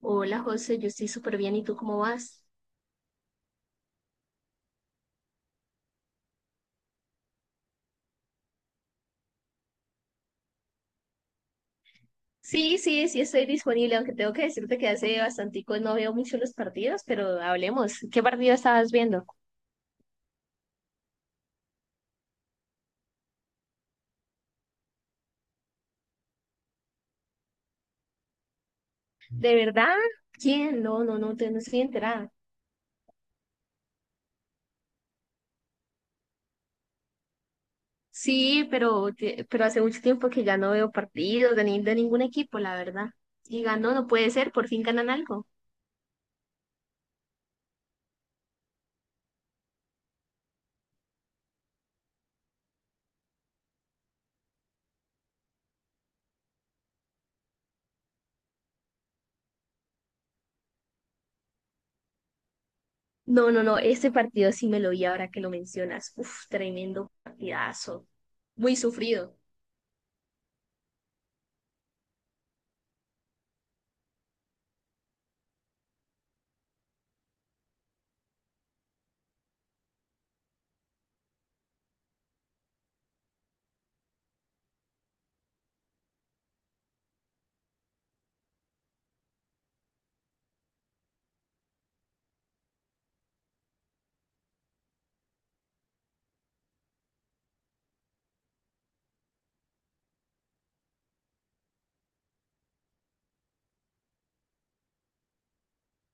Hola José, yo estoy súper bien. ¿Y tú cómo vas? Sí, sí, sí estoy disponible, aunque tengo que decirte que hace bastantico no veo mucho los partidos, pero hablemos. ¿Qué partido estabas viendo? ¿De verdad? ¿Quién? No, no, no, no estoy enterada. Sí, pero, pero hace mucho tiempo que ya no veo partidos de, ni- de ningún equipo, la verdad. Y ganó, no puede ser, por fin ganan algo. No, no, no, este partido sí me lo vi ahora que lo mencionas. Uf, tremendo partidazo. Muy sufrido.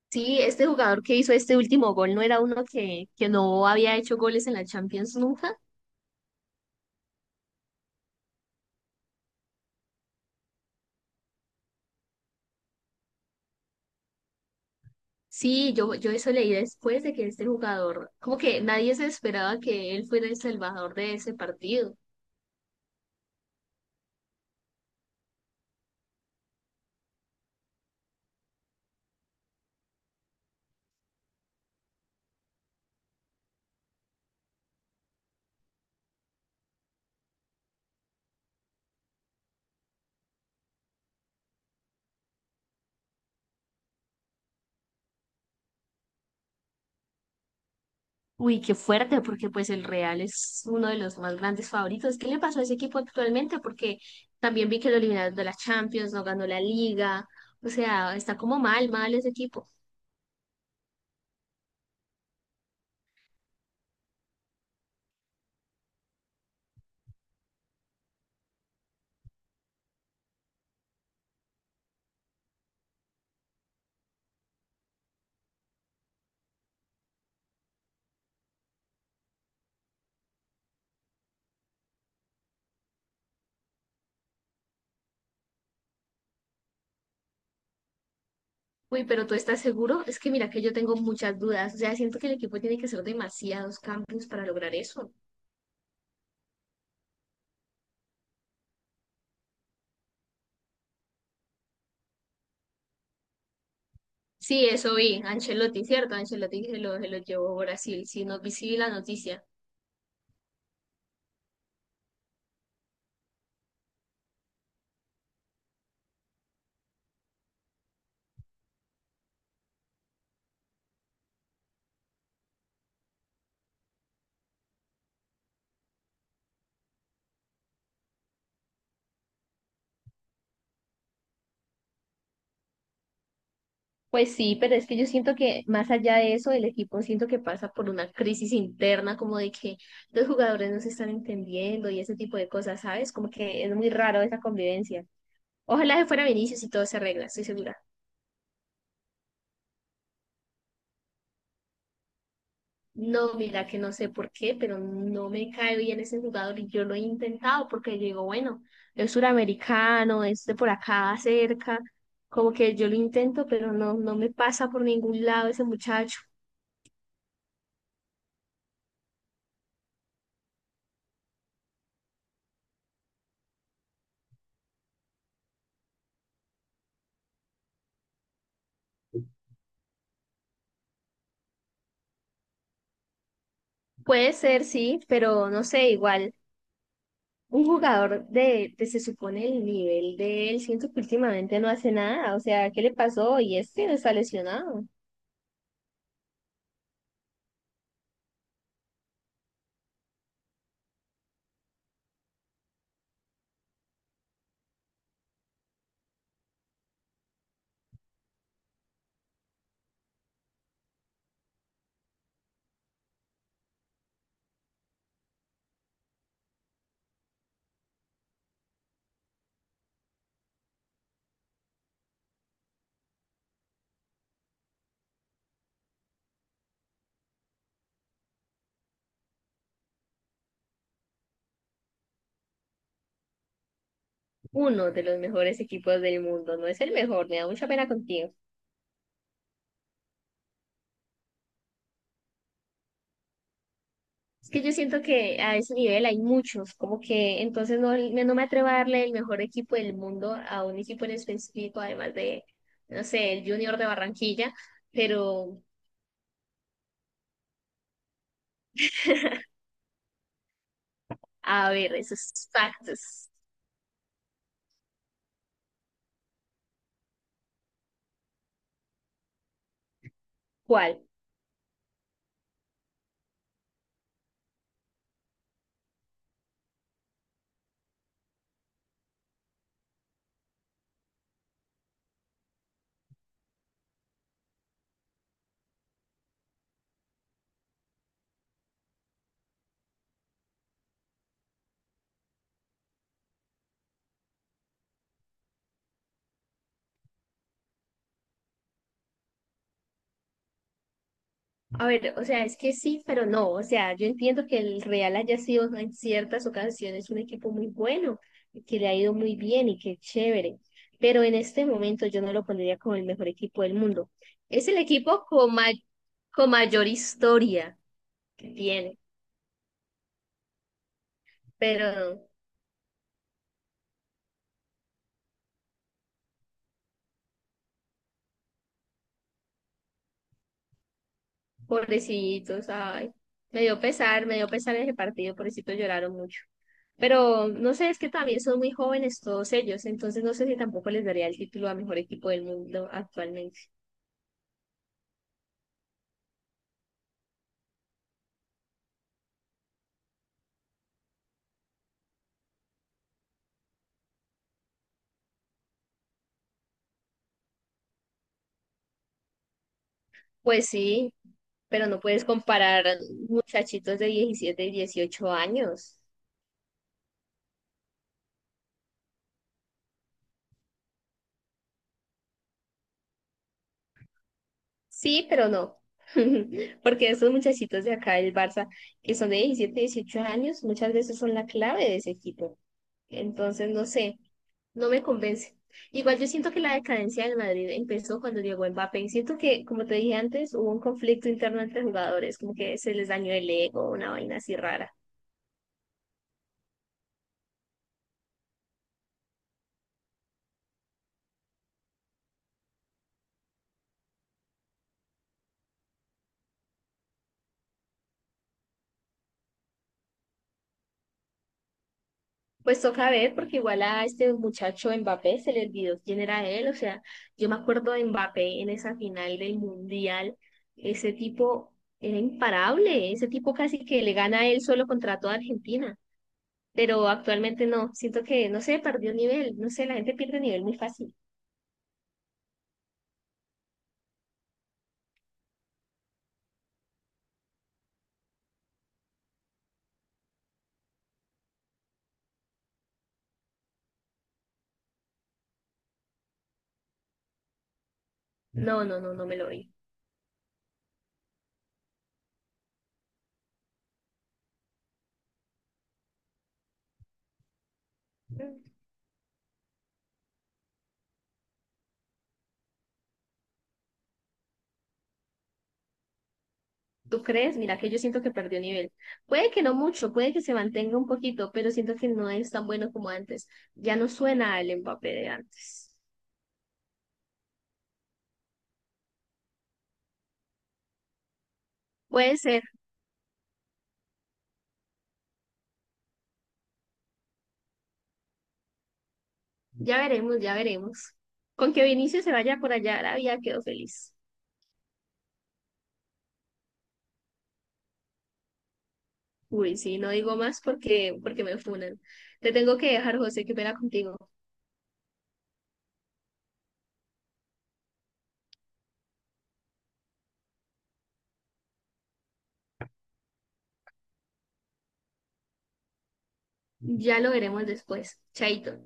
Sí, este jugador que hizo este último gol no era uno que no había hecho goles en la Champions nunca. Sí, yo eso leí después de que este jugador, como que nadie se esperaba que él fuera el salvador de ese partido. Uy, qué fuerte, porque pues el Real es uno de los más grandes favoritos. ¿Qué le pasó a ese equipo actualmente? Porque también vi que lo eliminaron de la Champions, no ganó la Liga. O sea, está como mal, mal ese equipo. Uy, pero ¿tú estás seguro? Es que mira que yo tengo muchas dudas. O sea, siento que el equipo tiene que hacer demasiados cambios para lograr eso. Sí, eso vi. Ancelotti, ¿cierto? Ancelotti se lo llevó a Brasil. Sí, no vi, sí vi la noticia. Pues sí, pero es que yo siento que más allá de eso, el equipo siento que pasa por una crisis interna, como de que los jugadores no se están entendiendo y ese tipo de cosas, ¿sabes? Como que es muy raro esa convivencia. Ojalá se fuera Vinicius y todo se arregla, estoy segura. No, mira que no sé por qué, pero no me cae bien ese jugador y yo lo he intentado porque yo digo, bueno, es suramericano, es de por acá cerca, como que yo lo intento, pero no, no me pasa por ningún lado ese muchacho. Puede ser, sí, pero no sé, igual un jugador de se supone el nivel de él, siento que últimamente no hace nada, o sea, ¿qué le pasó? Y este no está lesionado. Uno de los mejores equipos del mundo, no es el mejor, me da mucha pena contigo. Es que yo siento que a ese nivel hay muchos, como que entonces no, no me atrevo a darle el mejor equipo del mundo a un equipo en específico, además de, no sé, el Junior de Barranquilla, pero a ver, esos factos, ¿cuál? A ver, o sea, es que sí, pero no. O sea, yo entiendo que el Real haya sido en ciertas ocasiones un equipo muy bueno, que le ha ido muy bien y que es chévere. Pero en este momento yo no lo pondría como el mejor equipo del mundo. Es el equipo con mayor historia que tiene, pero pobrecitos, ay. Me dio pesar ese partido, pobrecitos lloraron mucho. Pero no sé, es que también son muy jóvenes todos ellos, entonces no sé si tampoco les daría el título a mejor equipo del mundo actualmente. Pues sí, pero no puedes comparar muchachitos de 17 y 18 años. Sí, pero no. Porque esos muchachitos de acá del Barça, que son de 17 y 18 años, muchas veces son la clave de ese equipo. Entonces, no sé, no me convence. Igual yo siento que la decadencia del Madrid empezó cuando llegó Mbappé y siento que, como te dije antes, hubo un conflicto interno entre jugadores, como que se les dañó el ego, una vaina así rara. Pues toca ver, porque igual a este muchacho Mbappé se le olvidó quién era él, o sea, yo me acuerdo de Mbappé en esa final del Mundial, ese tipo era imparable, ese tipo casi que le gana a él solo contra toda Argentina. Pero actualmente no. Siento que, no sé, perdió nivel, no sé, la gente pierde nivel muy fácil. No, no, no, no me lo doy. ¿Tú crees? Mira que yo siento que perdió nivel. Puede que no mucho, puede que se mantenga un poquito, pero siento que no es tan bueno como antes. Ya no suena el Mbappé de antes. Puede ser, ya veremos, ya veremos. Con que Vinicius se vaya por allá a Arabia, quedo feliz. Uy, sí, no digo más porque me funan. Te tengo que dejar, José, que pena contigo. Ya lo veremos después. Chaito.